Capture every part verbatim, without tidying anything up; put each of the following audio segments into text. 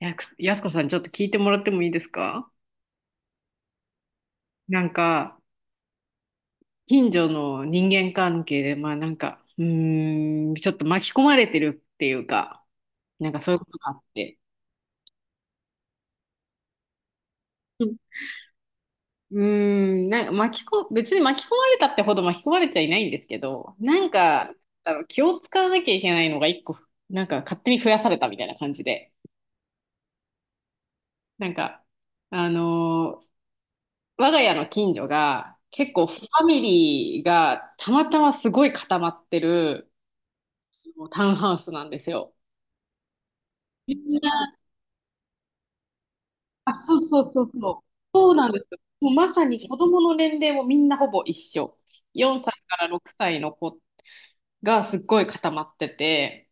やくやすこさん、ちょっと聞いてもらってもいいですか？なんか、近所の人間関係で、まあなんか、うーん、ちょっと巻き込まれてるっていうか、なんかそういうことがあって。うん。うーん、なんか巻きこ、別に巻き込まれたってほど巻き込まれちゃいないんですけど、なんか、あの、気を使わなきゃいけないのが一個、なんか勝手に増やされたみたいな感じで、なんか、あのー我が家の近所が結構ファミリーがたまたますごい固まってる、もうタウンハウスなんですよ。みんな、あ、そうそうそうそう。そうなんですよ。もうまさに子供の年齢もみんなほぼ一緒。よんさいからろくさいの子がすっごい固まってて、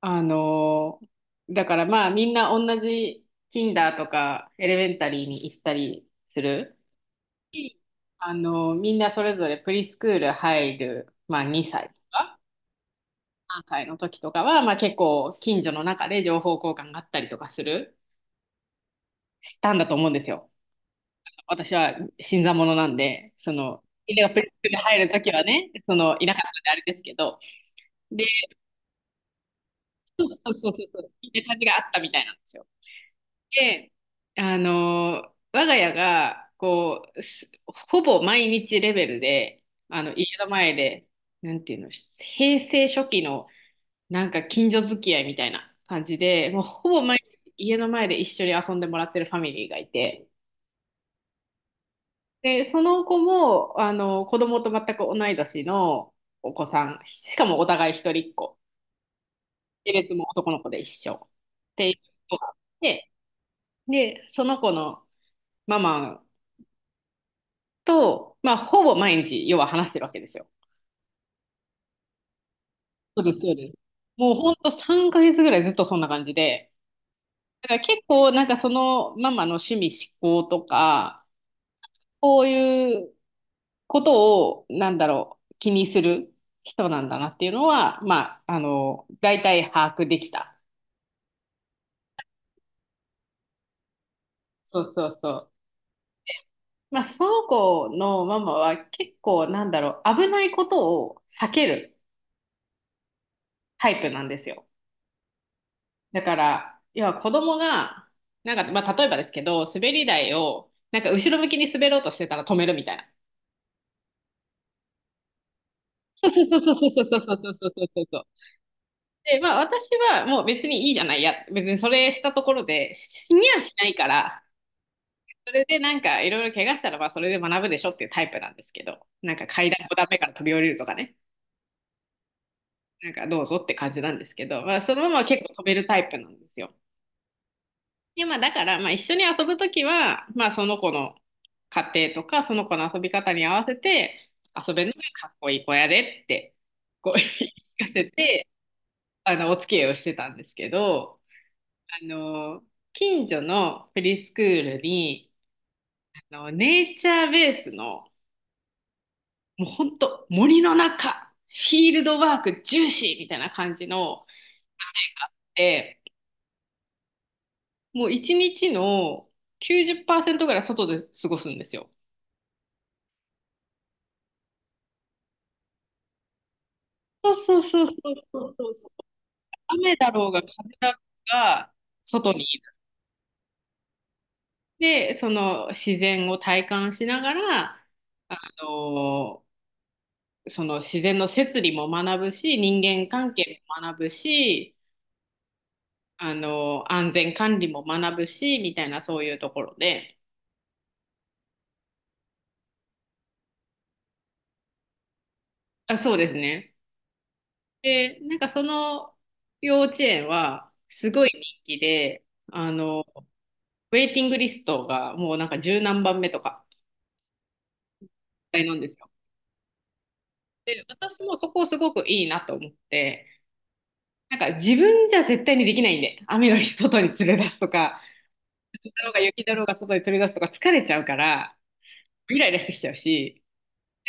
あのーだからまあみんな同じ Kinder とかエレメンタリーに行ったりする。あのーみんなそれぞれプリスクール入る、まあにさいとかさんさいの時とかは、まあ結構近所の中で情報交換があったりとかする、したんだと思うんですよ。私は新参者なんで、その、みんながプレスクで入るときはね、その、いなかったんであれですけど、で、そうそうそうそう、みんな感じがあったみたいなんですよ。で、あのー、我が家が、こう、すほぼ毎日レベルで、あの、家の前で、なんていうの、平成初期の、なんか近所付き合いみたいな感じで、もうほぼ毎日家の前で一緒に遊んでもらってるファミリーがいて、で、その子も、あの、子供と全く同い年のお子さん、しかもお互い一人っ子。性別も男の子で一緒。っていう子があって、で、その子のママと、まあ、ほぼ毎日、要は話してるわけですよ。そうです、そうです。もうほんとさんかげつぐらいずっとそんな感じで、だから結構なんかそのママの趣味嗜好とか、こういうことを、なんだろう、気にする人なんだなっていうのは、まあ、あの、大体把握できた。そうそうそう。まあ、その子のママは結構、なんだろう、危ないことを避けるタイプなんですよ。だから、要は子供が、なんか、まあ、例えばですけど、滑り台を、なんか後ろ向きに滑ろうとしてたら止めるみたいな。そうそうそうそうそうそうそうそうそうそうそう。で、まあ私はもう別にいいじゃないや、別にそれしたところで死にはしないから、それでなんかいろいろ怪我したらまあそれで学ぶでしょっていうタイプなんですけど、なんか階段ご段目から飛び降りるとかね、なんかどうぞって感じなんですけど、まあ、そのまま結構飛べるタイプなんですよ。でまあ、だからまあ一緒に遊ぶときは、まあ、その子の家庭とかその子の遊び方に合わせて遊べるのがかっこいい子やでってこう言い聞かせてあのお付き合いをしてたんですけど、あの近所のフリースクールにあのネイチャーベースのもう本当森の中、フィールドワーク重視みたいな感じの、で、もう一日のきゅうじゅっぱーせんとぐらい外で過ごすんですよ。そうそうそうそうそうそうそう。雨だろうが風だろうが外にいる。で、その自然を体感しながら、あのーその自然の摂理も学ぶし、人間関係も学ぶし、あのー安全管理も学ぶし、みたいなそういうところで、あ、そうですね。で、なんかその幼稚園はすごい人気で、あの、ウェイティングリストがもうなんか十何番目とかなんですよ。で、私もそこすごくいいなと思って、なんか自分じゃ絶対にできないんで、雨の日外に連れ出すとか、雪だろうが雪だろうが外に連れ出すとか疲れちゃうから、イライラしてきちゃうし、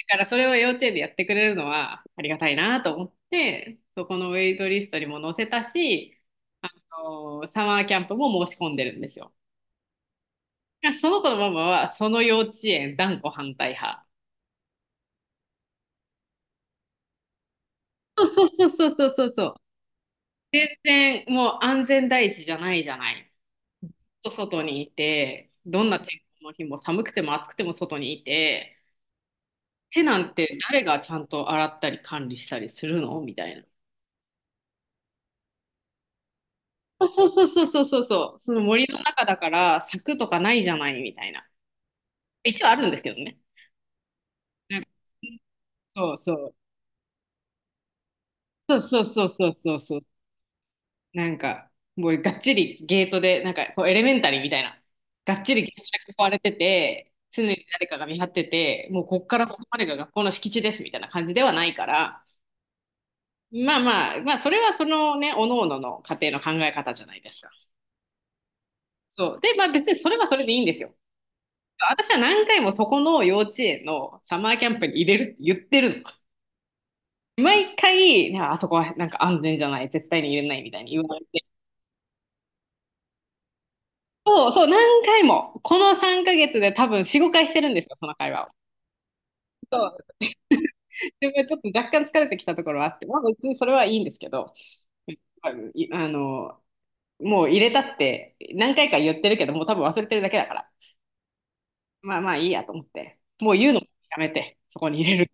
だからそれを幼稚園でやってくれるのはありがたいなと思って、そこのウェイトリストにも載せたし、あのサマーキャンプも申し込んでるんですよ。その子のママはその幼稚園断固反対派。そうそうそうそうそうそう。全然もう安全第一じゃないじゃない。外にいて、どんな天候の日も寒くても暑くても外にいて、手なんて誰がちゃんと洗ったり管理したりするのみたいな。そうそうそうそうそうそう、その森の中だから柵とかないじゃないみたいな。一応あるんですけどね。なんかそうそう。そうそうそうそうそうそう。なんか、もうがっちりゲートで、なんかこうエレメンタリーみたいな。がっちりゲートで囲われてて、常に誰かが見張ってて、もうこっからここまでが学校の敷地ですみたいな感じではないから、まあまあ、まあそれはそのね、おのおのの家庭の考え方じゃないですか。そう。で、まあ別にそれはそれでいいんですよ。私は何回もそこの幼稚園のサマーキャンプに入れるって言ってるの。毎回、あそこはなんか安全じゃない、絶対に入れないみたいに言われて、そうそう、何回も、このさんかげつで多分よん、ごかいしてるんですよ、その会話を。そう。でもちょっと若干疲れてきたところはあって、まあ別にそれはいいんですけど、いあの、もう入れたって何回か言ってるけど、もう多分忘れてるだけだから、まあまあいいやと思って、もう言うのもやめて、そこに入れる。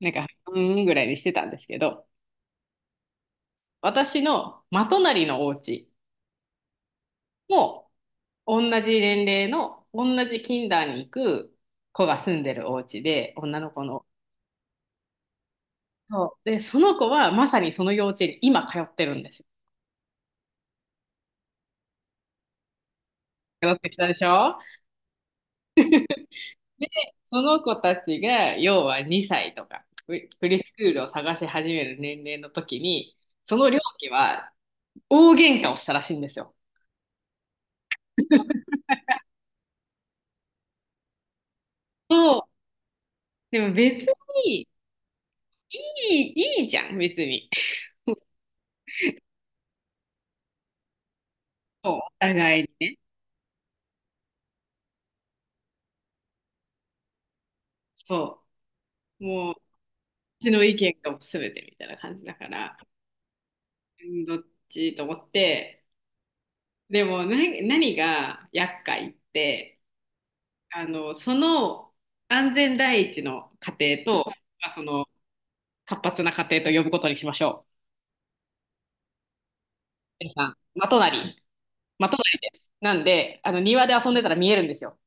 なんか、うーんぐらいにしてたんですけど、私のまとなりのお家も同じ年齢の同じキンダーに行く子が住んでるお家で女の子の。そうでその子はまさにその幼稚園に今通ってるんですよ。通ってきたでしょ？で、その子たちが要はにさいとかププリスクールを探し始める年齢の時にその両家は大喧嘩をしたらしいんですよ。そう。でも別にいい、いいじゃん別に。そうお互いにね。そう。もうちの意見がもう全てみたいな感じだから、うん。どっちと思って、でもな何が厄介って、あの、その安全第一の家庭と、まあ、その活発な家庭と呼ぶことにしましょう。皆さん、まとなり、まとなりです。なんで、あの庭で遊んでたら見えるんですよ。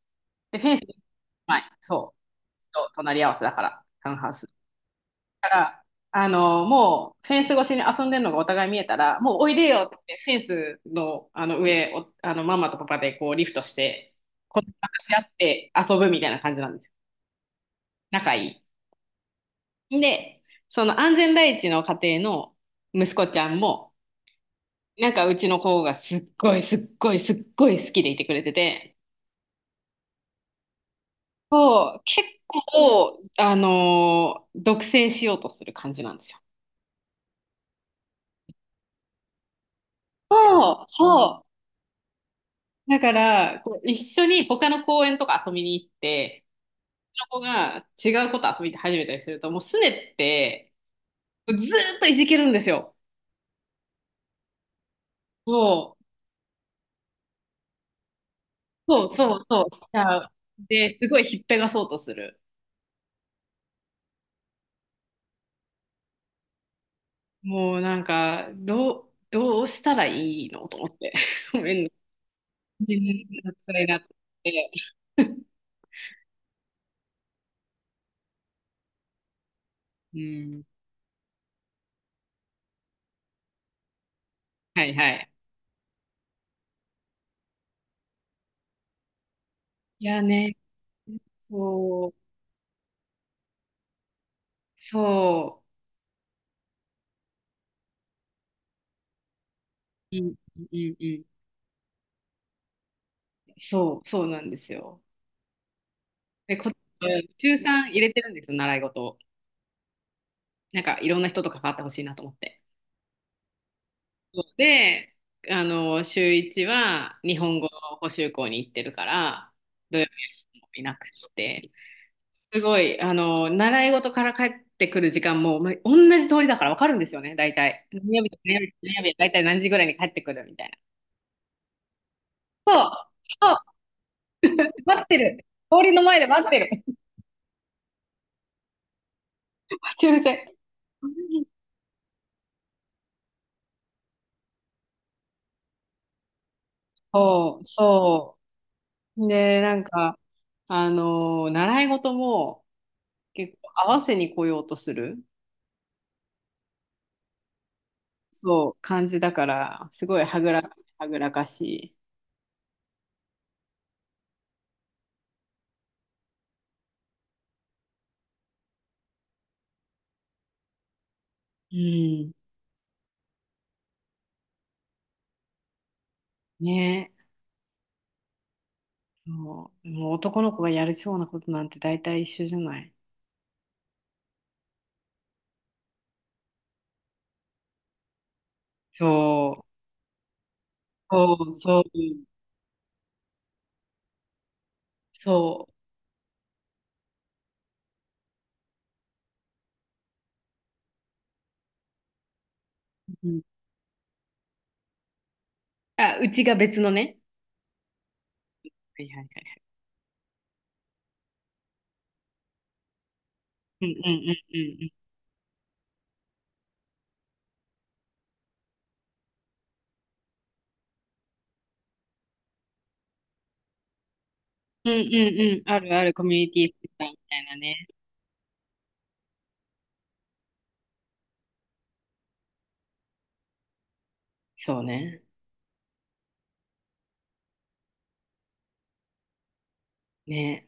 で、フェンス、はい、そう、と隣り合わせだから、タウンハウス。から、あの、もうフェンス越しに遊んでるのがお互い見えたら、もうおいでよってフェンスの、あの上を、あのママとパパでこうリフトして、こう話し合って遊ぶみたいな感じなんですよ。仲いい。で、その安全第一の家庭の息子ちゃんも、なんかうちの子がすっごいすっごいすっごい好きでいてくれてて、そう、結構、あのー独占しようとする感じなんですよ。そう、そう。だから、こう一緒に他の公園とか遊びに行って、その子が違うこと遊び始めたりすると、もうすねって、ずーっといじけるんですよ。そう、そうそうそう、しちゃう。で、すごいひっぺがそうとする。もうなんか、どう、どうしたらいいのと思って。ごめんねごさいなと思って。うん、はいはい。いやね、そう、そう、うん、うん、うん、そう、そうなんですよ。で、こ、中さん週さん入れてるんですよ、習い事を。なんかいろんな人と関わってほしいなと思って。そうで、あの、週いちは日本語補習校に行ってるから、土曜日もいなくって、すごい、あの、習い事から帰ってくる時間も、まあ、同じ通りだから分かるんですよね、大体。何曜日と何曜日と何曜日、大体何時ぐらいに帰ってくるみたいな。そう、そう、待ってる。通りの前で待ってる。待ち合せ。そう、そう。で、なんか、あのー習い事も結構合わせに来ようとする、そう、感じだから、すごいはぐらかし、はぐらかしい。うん。ね。そう、もう男の子がやりそうなことなんて大体一緒じゃない。そう、そう、そう、そう。うん、あ、うちが別のね。はいはいはい。うんうんうんうん。うんうんうん。あるあるコミュニティセンターみたいなね。そうね。ね。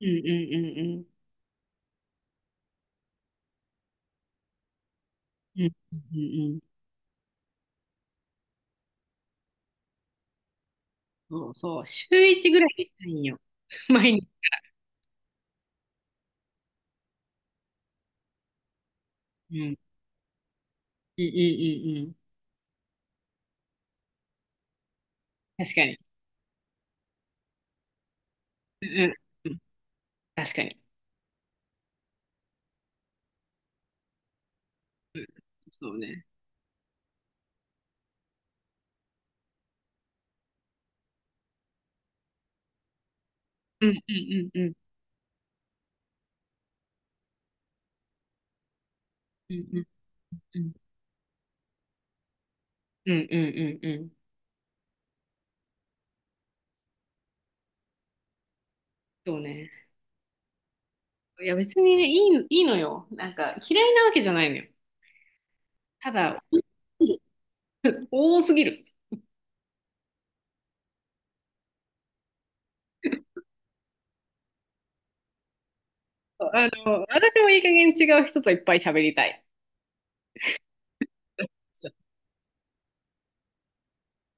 うんうんうんうん。うんうんうんうん。そうそう、週いちぐらいで行きたいんよ。毎日。うん。うんうんうんうん。確かに。うんうんうん。確かに。うん、そうね。うんうんうんうん。うんうんうん。うんうんうんうん。そうね。いや別にいい、いいのよ。なんか嫌いなわけじゃないのよ。ただ、多すぎる。あの、私もいい加減違う人といっぱい喋りたい。そ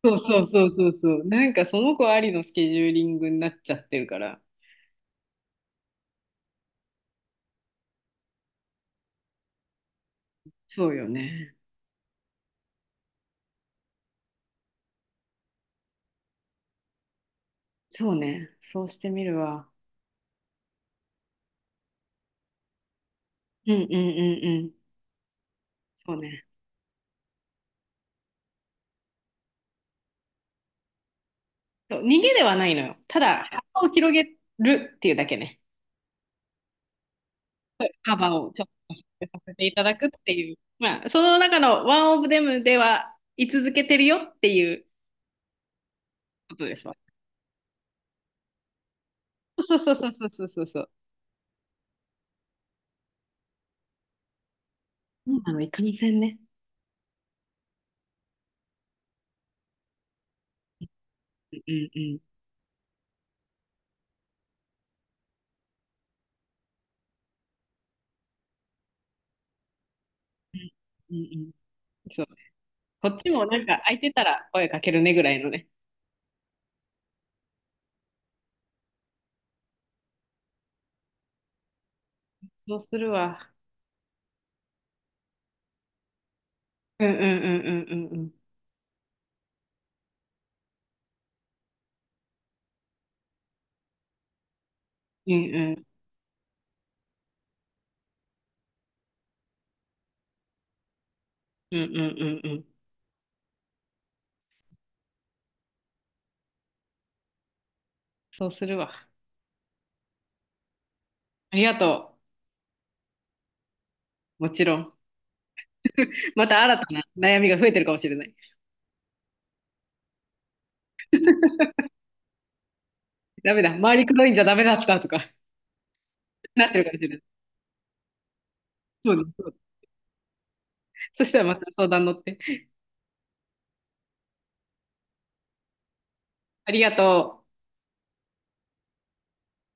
うそうそうそうそう。なんかその子ありのスケジューリングになっちゃってるから。そうよね。そうね。そうしてみるわ。うんうんうんうん。そうね。そう逃げではないのよ。ただ、幅を広げるっていうだけね。幅をちょっと広げさせていただくっていう。まあ、その中のワンオブデムでは居続けてるよっていうことですわ。そうそうそうそうそうそうそう。そうなの、いかんせんね。うんうんうん。うんうんうん。そう。こっちもなんか空いてたら声かけるねぐらいのね。そうするわ。うんうんうんうんうんうん。うんうんうんうんうんうん。そうするわ。ありがとう。もちろん。また新たな悩みが増えてるかもしれない。ダメだ。周り黒いんじゃダメだったとか、なってるかもしれない。そうです。そうです。そしたらまた相談乗って。ありがとう。